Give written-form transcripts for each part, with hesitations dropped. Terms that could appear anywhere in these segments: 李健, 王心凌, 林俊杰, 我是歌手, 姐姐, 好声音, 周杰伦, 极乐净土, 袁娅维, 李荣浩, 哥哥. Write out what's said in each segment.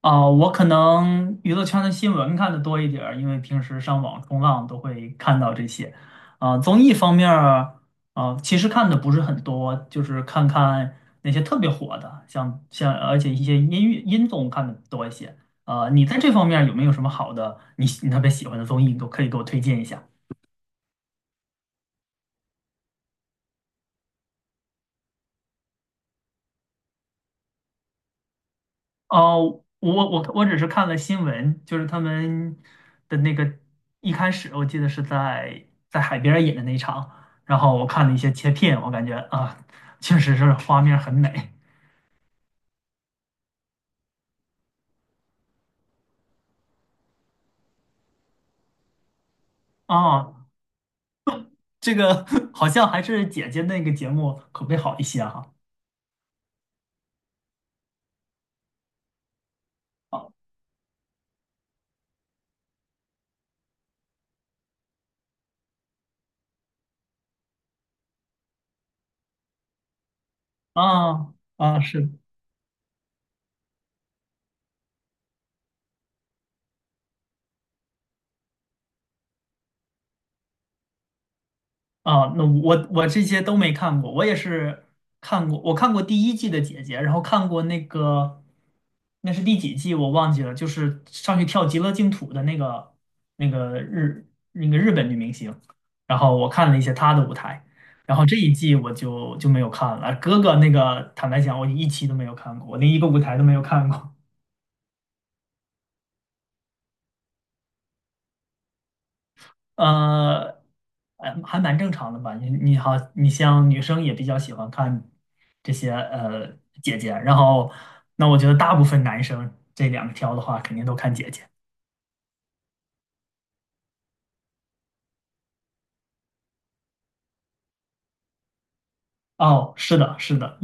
啊，我可能娱乐圈的新闻看的多一点儿，因为平时上网冲浪都会看到这些。啊，综艺方面儿，啊，其实看的不是很多，就是看看那些特别火的，像而且一些音乐音综看的多一些。啊，你在这方面有没有什么好的，你特别喜欢的综艺，你都可以给我推荐一下。哦，我只是看了新闻，就是他们的那个一开始，我记得是在海边儿演的那一场，然后我看了一些切片，我感觉啊，确实是画面很美。啊，这个 好像还是姐姐那个节目口碑好一些哈。啊啊，啊是啊，那我这些都没看过，我也是看过，我看过第一季的姐姐，然后看过那个，那是第几季我忘记了，就是上去跳极乐净土的那个那个日日本女明星，然后我看了一些她的舞台，然后这一季我就没有看了，哥哥那个坦白讲我一期都没有看过，我连一个舞台都没有看过。呃，还蛮正常的吧？你好，你像女生也比较喜欢看这些姐姐，然后那我觉得大部分男生这两条的话，肯定都看姐姐。哦，是的，是的，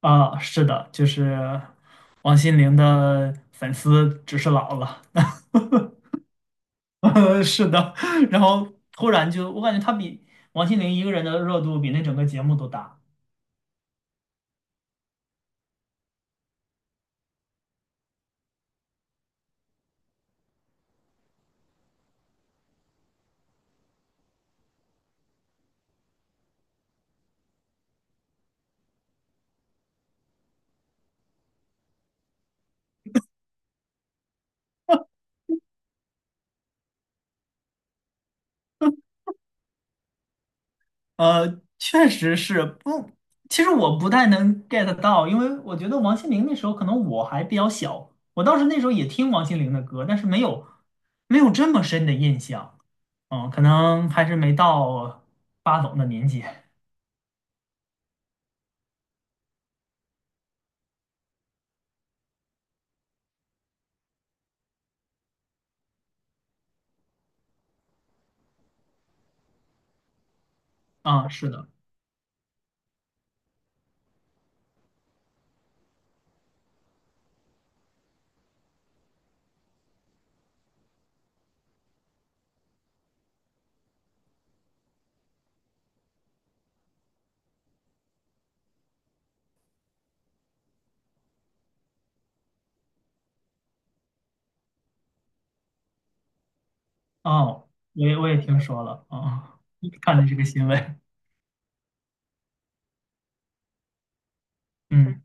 啊，是的，就是王心凌的粉丝只是老了，是的，然后突然就我感觉她比王心凌一个人的热度比那整个节目都大。确实是不，其实我不太能 get 到，因为我觉得王心凌那时候可能我还比较小，我当时那时候也听王心凌的歌，但是没有这么深的印象，嗯，可能还是没到八懂的年纪啊，是的，哦，我也听说了啊，看了这个新闻，嗯。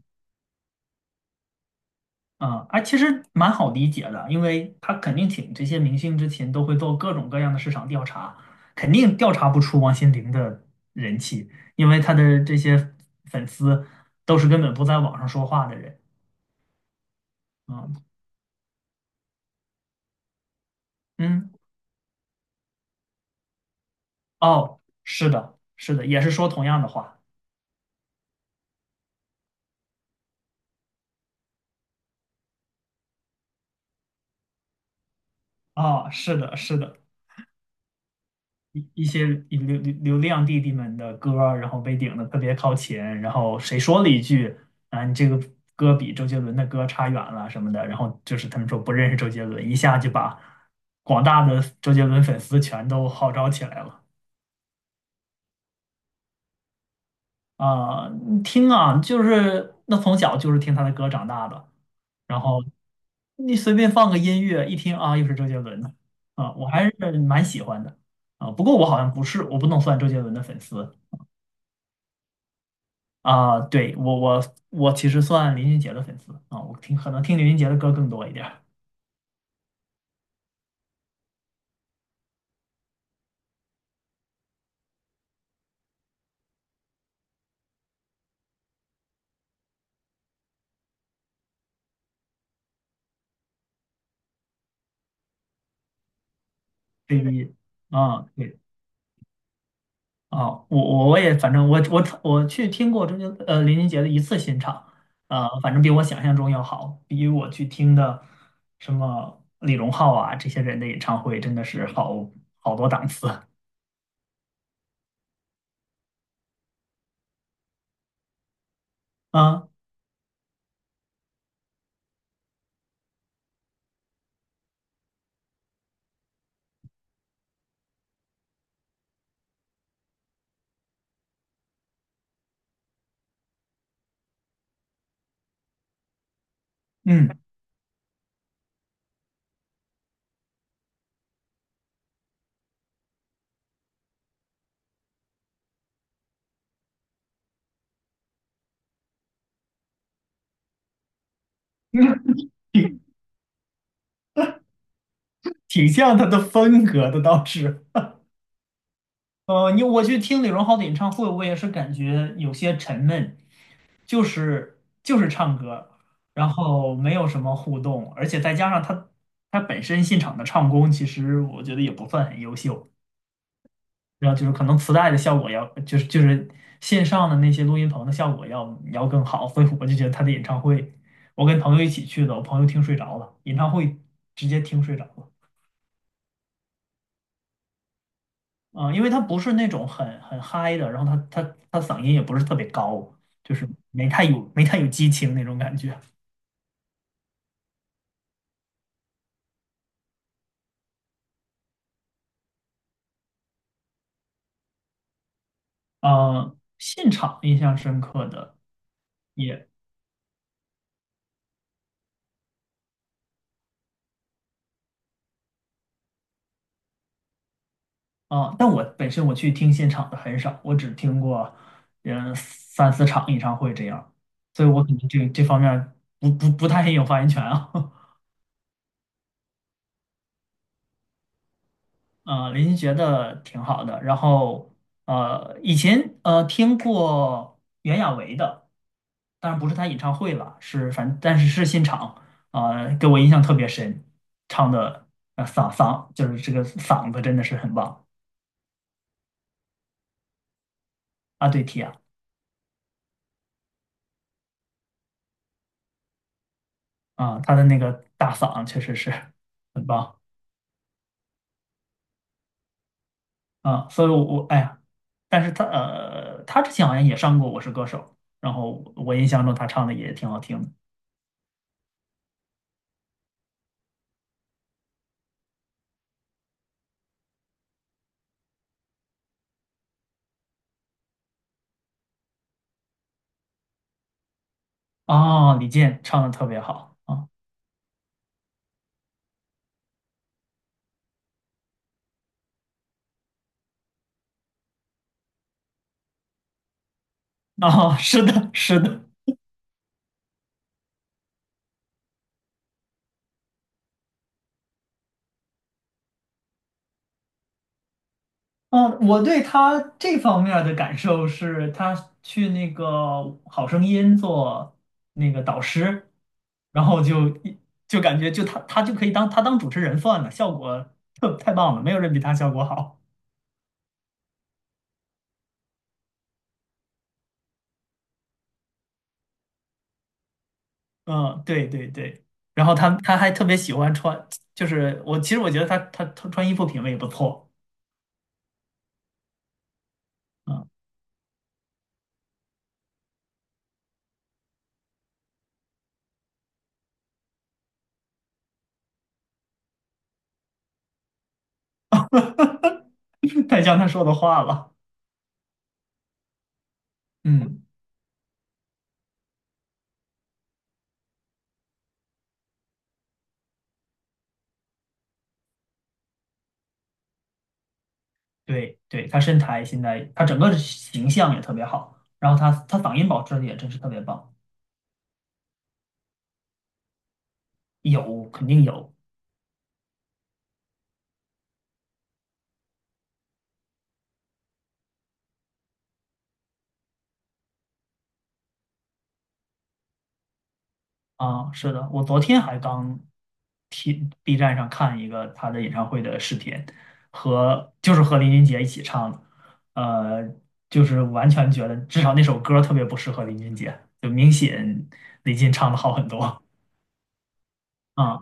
啊，哎，其实蛮好理解的，因为他肯定请这些明星之前都会做各种各样的市场调查，肯定调查不出王心凌的人气，因为他的这些粉丝都是根本不在网上说话的人。嗯嗯，哦，是的，是的，也是说同样的话。哦，是的，是的。一些流量弟弟们的歌儿然后被顶的特别靠前，然后谁说了一句啊，你这个歌比周杰伦的歌差远了什么的，然后就是他们说不认识周杰伦，一下就把广大的周杰伦粉丝全都号召起来了。啊！你听啊，就是那从小就是听他的歌长大的，然后你随便放个音乐一听啊，又是周杰伦的啊，我还是蛮喜欢的。啊，不过我好像不是，我不能算周杰伦的粉丝，啊，对，我其实算林俊杰的粉丝啊，我可能听林俊杰的歌更多一点儿，对嗯于啊对啊，我也反正我去听过林俊杰的一次新场，啊，反正比我想象中要好，比我去听的什么李荣浩啊这些人的演唱会真的是好多档次啊，嗯，挺挺像他的风格的倒是。我去听李荣浩的演唱会，我也是感觉有些沉闷，就是唱歌，然后没有什么互动，而且再加上他本身现场的唱功，其实我觉得也不算很优秀，然后就是可能磁带的效果要，就是线上的那些录音棚的效果要更好，所以我就觉得他的演唱会，我跟朋友一起去的，我朋友听睡着了，演唱会直接听睡着了。嗯，因为他不是那种很嗨的，然后他他嗓音也不是特别高，就是没太有激情那种感觉。嗯，现场印象深刻的也啊，但我本身我去听现场的很少，我只听过三四场演唱会这样，所以我可能这方面不太很有发言权啊。林俊杰的挺好的。然后以前听过袁娅维的，当然不是她演唱会了，但是现场，啊，给我印象特别深，唱的呃嗓嗓就是这个嗓子真的是很棒啊，对提啊啊，她的那个大嗓确实是很棒啊，所以我哎呀，但是她之前好像也上过《我是歌手》，然后我印象中她唱的也挺好听的。哦，李健唱的特别好啊。哦，是的，是的，嗯，我对他这方面儿的感受是，他去那个好声音做那个导师，然后就一就感觉就他就可以当他当主持人算了，效果太棒了，没有人比他效果好。嗯，对对对，然后他还特别喜欢穿，就是我其实我觉得他穿衣服品味也不错，嗯，太像他说的话了，嗯。对对，他身材现在他整个形象也特别好，然后他嗓音保持的也真是特别棒，有肯定有啊，是的，我昨天还刚听 B 站上看一个他的演唱会的视频，就是和林俊杰一起唱的，呃，就是完全觉得至少那首歌特别不适合林俊杰，就明显李俊唱的好很多啊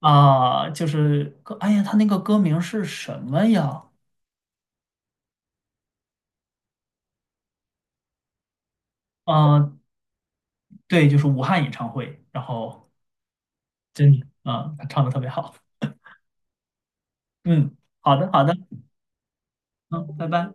啊，就是歌，哎呀，他那个歌名是什么呀？啊，对，就是武汉演唱会，然后真，啊、唱的特别好。嗯，好的，好的，嗯，拜拜。